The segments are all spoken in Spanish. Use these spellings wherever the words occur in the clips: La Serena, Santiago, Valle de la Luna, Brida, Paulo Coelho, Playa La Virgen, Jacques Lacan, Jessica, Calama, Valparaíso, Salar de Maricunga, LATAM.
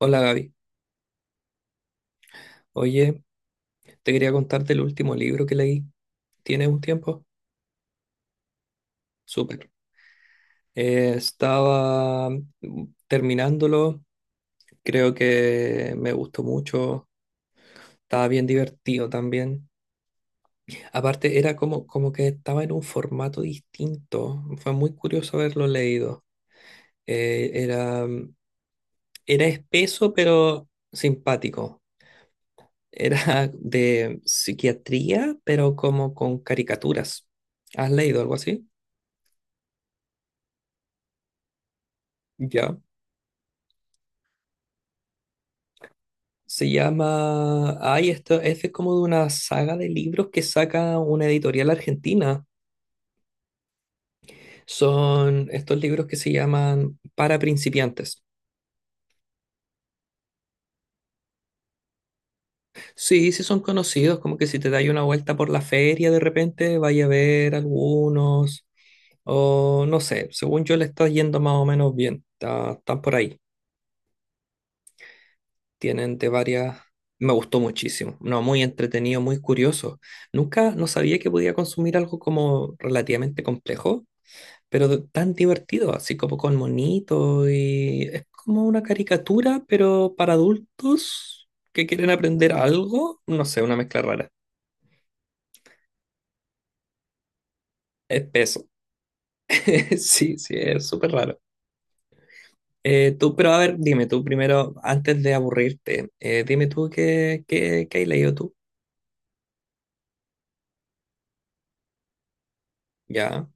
Hola Gaby, oye, te quería contar del último libro que leí. ¿Tienes un tiempo? Súper. Estaba terminándolo, creo que me gustó mucho, estaba bien divertido también. Aparte, era como que estaba en un formato distinto, fue muy curioso haberlo leído. Eh, era, mm, era espeso pero simpático, era de psiquiatría pero como con caricaturas. ¿Has leído algo así? Ya. Se llama. Ay, esto este es de como de una saga de libros que saca una editorial argentina. Son estos libros que se llaman Para principiantes. Sí, sí, son conocidos, como que si te dais una vuelta por la feria de repente, vaya a ver algunos. O no sé, según yo le está yendo más o menos bien. Están por ahí. Tienen de varias. Me gustó muchísimo. No, muy entretenido, muy curioso. Nunca no sabía que podía consumir algo como relativamente complejo, pero tan divertido, así como con monito y es como una caricatura, pero para adultos que quieren aprender algo, no sé, una mezcla rara. Espeso. Sí, sí, es súper raro. Tú, pero a ver, dime tú primero, antes de aburrirte, dime tú qué has leído tú. Ya,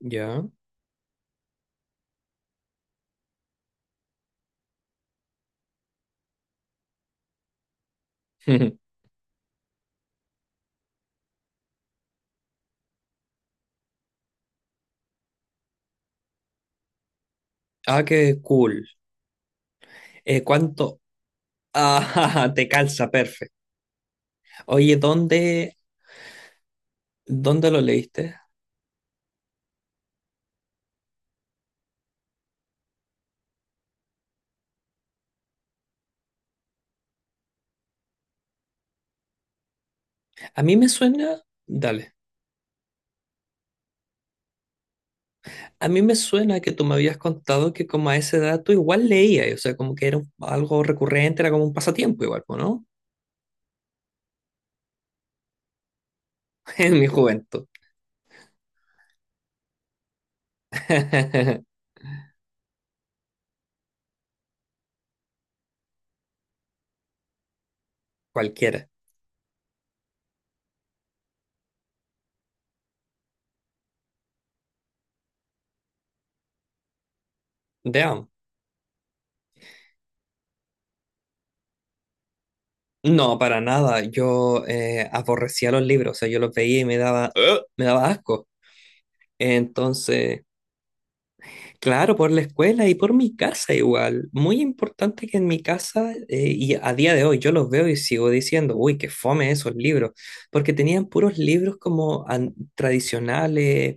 ya. Ah, qué cool. ¿Cuánto? Ah, te calza, perfecto. Oye, ¿dónde lo leíste? A mí me suena... Dale. A mí me suena que tú me habías contado que como a esa edad tú igual leías, o sea, como que era algo recurrente, era como un pasatiempo igual, po, ¿no? En mi juventud. Cualquiera. Damn. No, para nada. Yo aborrecía los libros, o sea, yo los veía y me daba, ¡Ugh! Me daba asco. Entonces, claro, por la escuela y por mi casa igual. Muy importante que en mi casa, y a día de hoy yo los veo y sigo diciendo, uy, qué fome esos libros, porque tenían puros libros como tradicionales,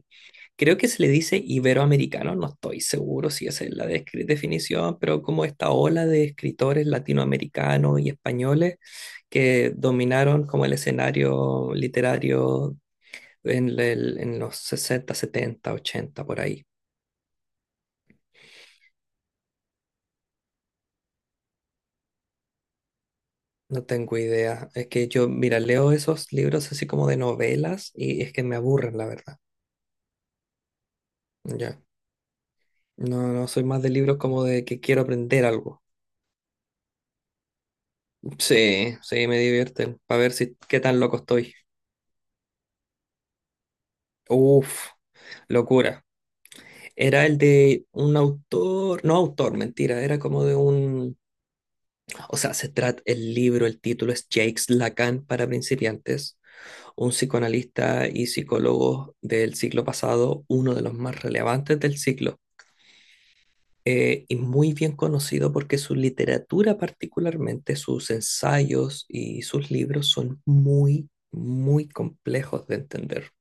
creo que se le dice iberoamericano, no estoy seguro si esa es la definición, pero como esta ola de escritores latinoamericanos y españoles que dominaron como el escenario literario en los 60, 70, 80 por ahí. No tengo idea. Es que yo, mira, leo esos libros así como de novelas y es que me aburren, la verdad. Ya. No, no soy más de libros como de que quiero aprender algo. Sí, sí, me divierten. Para ver si qué tan loco estoy. Uf, locura. Era el de un autor, no autor, mentira, era como de un, o sea, se trata el libro, el título es Jacques Lacan para principiantes, un psicoanalista y psicólogo del siglo pasado, uno de los más relevantes del siglo. Y muy bien conocido porque su literatura particularmente, sus ensayos y sus libros son muy, muy complejos de entender.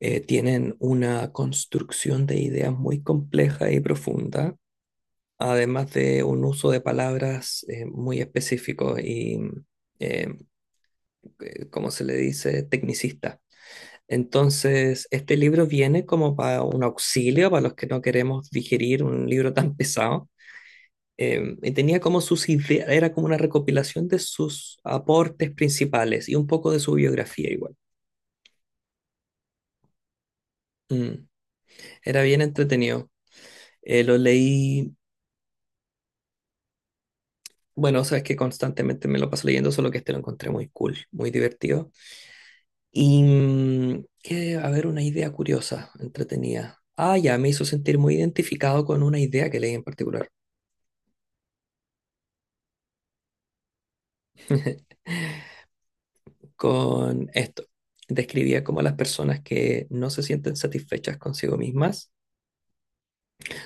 Tienen una construcción de ideas muy compleja y profunda, además de un uso de palabras muy específico y, eh, como se le dice, tecnicista. Entonces, este libro viene como para un auxilio para los que no queremos digerir un libro tan pesado, y tenía como sus ideas, era como una recopilación de sus aportes principales y un poco de su biografía igual. Mm, Era bien entretenido. Lo leí, bueno, sabes que constantemente me lo paso leyendo, solo que este lo encontré muy cool, muy divertido. Y que, a ver, una idea curiosa, entretenida. Ah, ya, me hizo sentir muy identificado con una idea que leí en particular, con esto. Describía como a las personas que no se sienten satisfechas consigo mismas,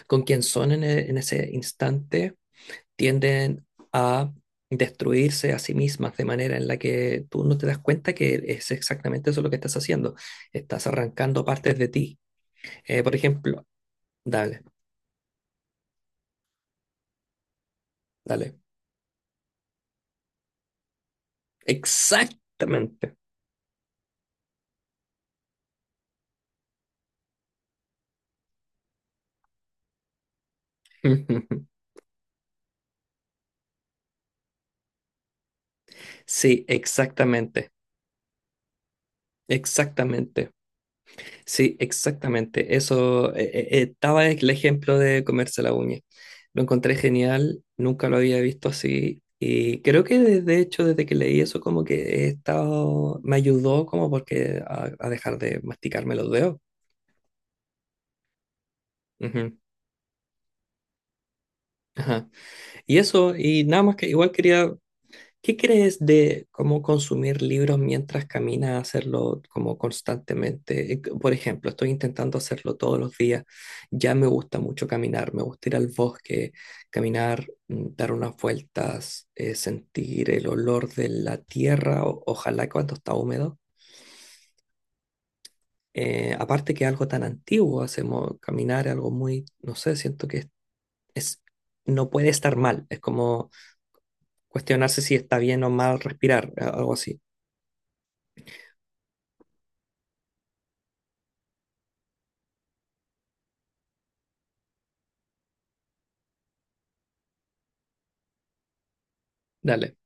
con quien son en, en ese instante, tienden a destruirse a sí mismas de manera en la que tú no te das cuenta que es exactamente eso lo que estás haciendo. Estás arrancando partes de ti. Por ejemplo, dale, dale. Exactamente. Sí, exactamente, exactamente. Sí, exactamente. Eso estaba el ejemplo de comerse la uña. Lo encontré genial, nunca lo había visto así. Y creo que de hecho desde que leí eso como que he estado, me ayudó como porque a dejar de masticarme los dedos. Ujú, ajá. Y eso, y nada más que igual quería. ¿Qué crees de cómo consumir libros mientras caminas, hacerlo como constantemente? Por ejemplo, estoy intentando hacerlo todos los días. Ya me gusta mucho caminar, me gusta ir al bosque, caminar, dar unas vueltas, sentir el olor de la tierra, ojalá cuando está húmedo. Aparte que algo tan antiguo, hacemos caminar algo muy, no sé, siento que es- no puede estar mal. Es como cuestionarse si está bien o mal respirar, algo así. Dale.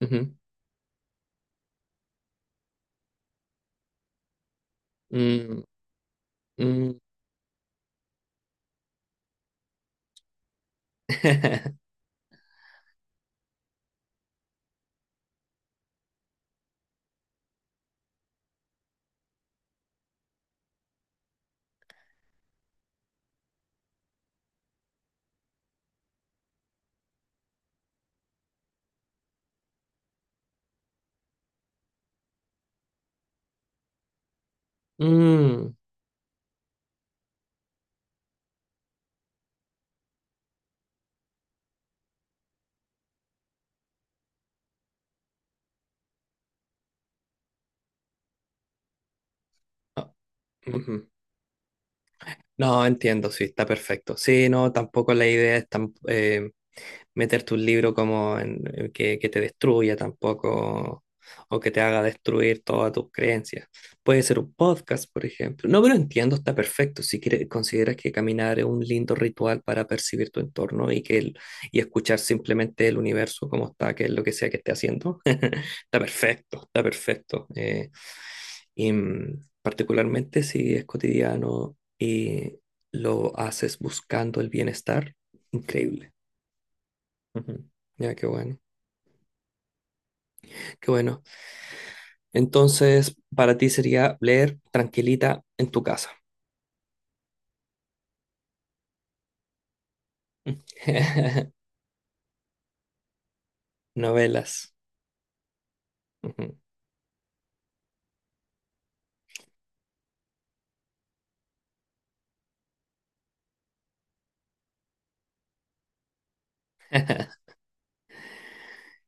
Ujú. Mm, mm. Mm. Ah, ujú. No, entiendo, sí, está perfecto. Sí, no, tampoco la idea es tan, meterte un libro como en que, te destruya tampoco, o que te haga destruir todas tus creencias. Puede ser un podcast, por ejemplo. No, pero entiendo, está perfecto. Si quieres, consideras que caminar es un lindo ritual para percibir tu entorno y, que y escuchar simplemente el universo como está, que es lo que sea que esté haciendo, está perfecto, está perfecto. Y particularmente si es cotidiano y lo haces buscando el bienestar, increíble. Ujú. Ya, qué bueno, qué bueno. Entonces, para ti sería leer tranquilita en tu casa. Novelas. Ujú.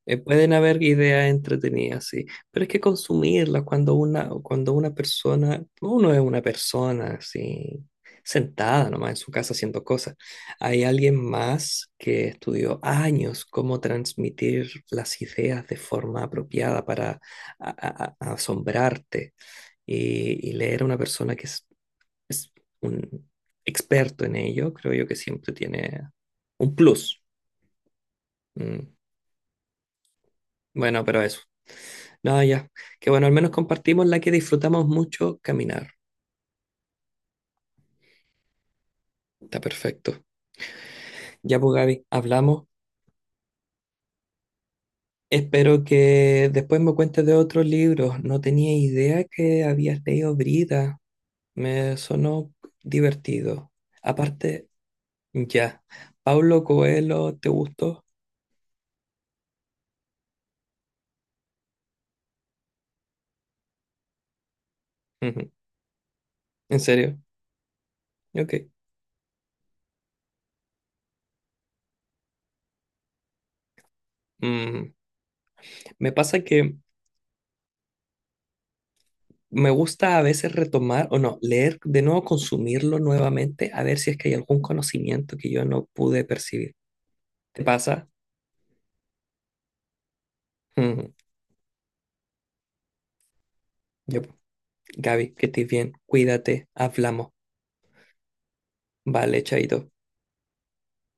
Pueden haber ideas entretenidas, sí, pero es que consumirlas cuando una persona, uno es una persona así, sentada nomás en su casa haciendo cosas. Hay alguien más que estudió años cómo transmitir las ideas de forma apropiada para asombrarte y leer a una persona que es un experto en ello, creo yo que siempre tiene un plus. Mm. Bueno, pero eso. No, ya. Que bueno, al menos compartimos la que disfrutamos mucho caminar. Está perfecto. Ya, pues Gaby, hablamos. Espero que después me cuentes de otros libros. No tenía idea que habías leído Brida. Me sonó divertido. Aparte, ya. ¿Paulo Coelho te gustó? Ujú. ¿En serio? Ok. Mm. Me pasa que me gusta a veces retomar, o no, leer de nuevo, consumirlo nuevamente, a ver si es que hay algún conocimiento que yo no pude percibir. ¿Te pasa? Yo, Gaby, que estés bien. Cuídate. Hablamos. Vale, chaito.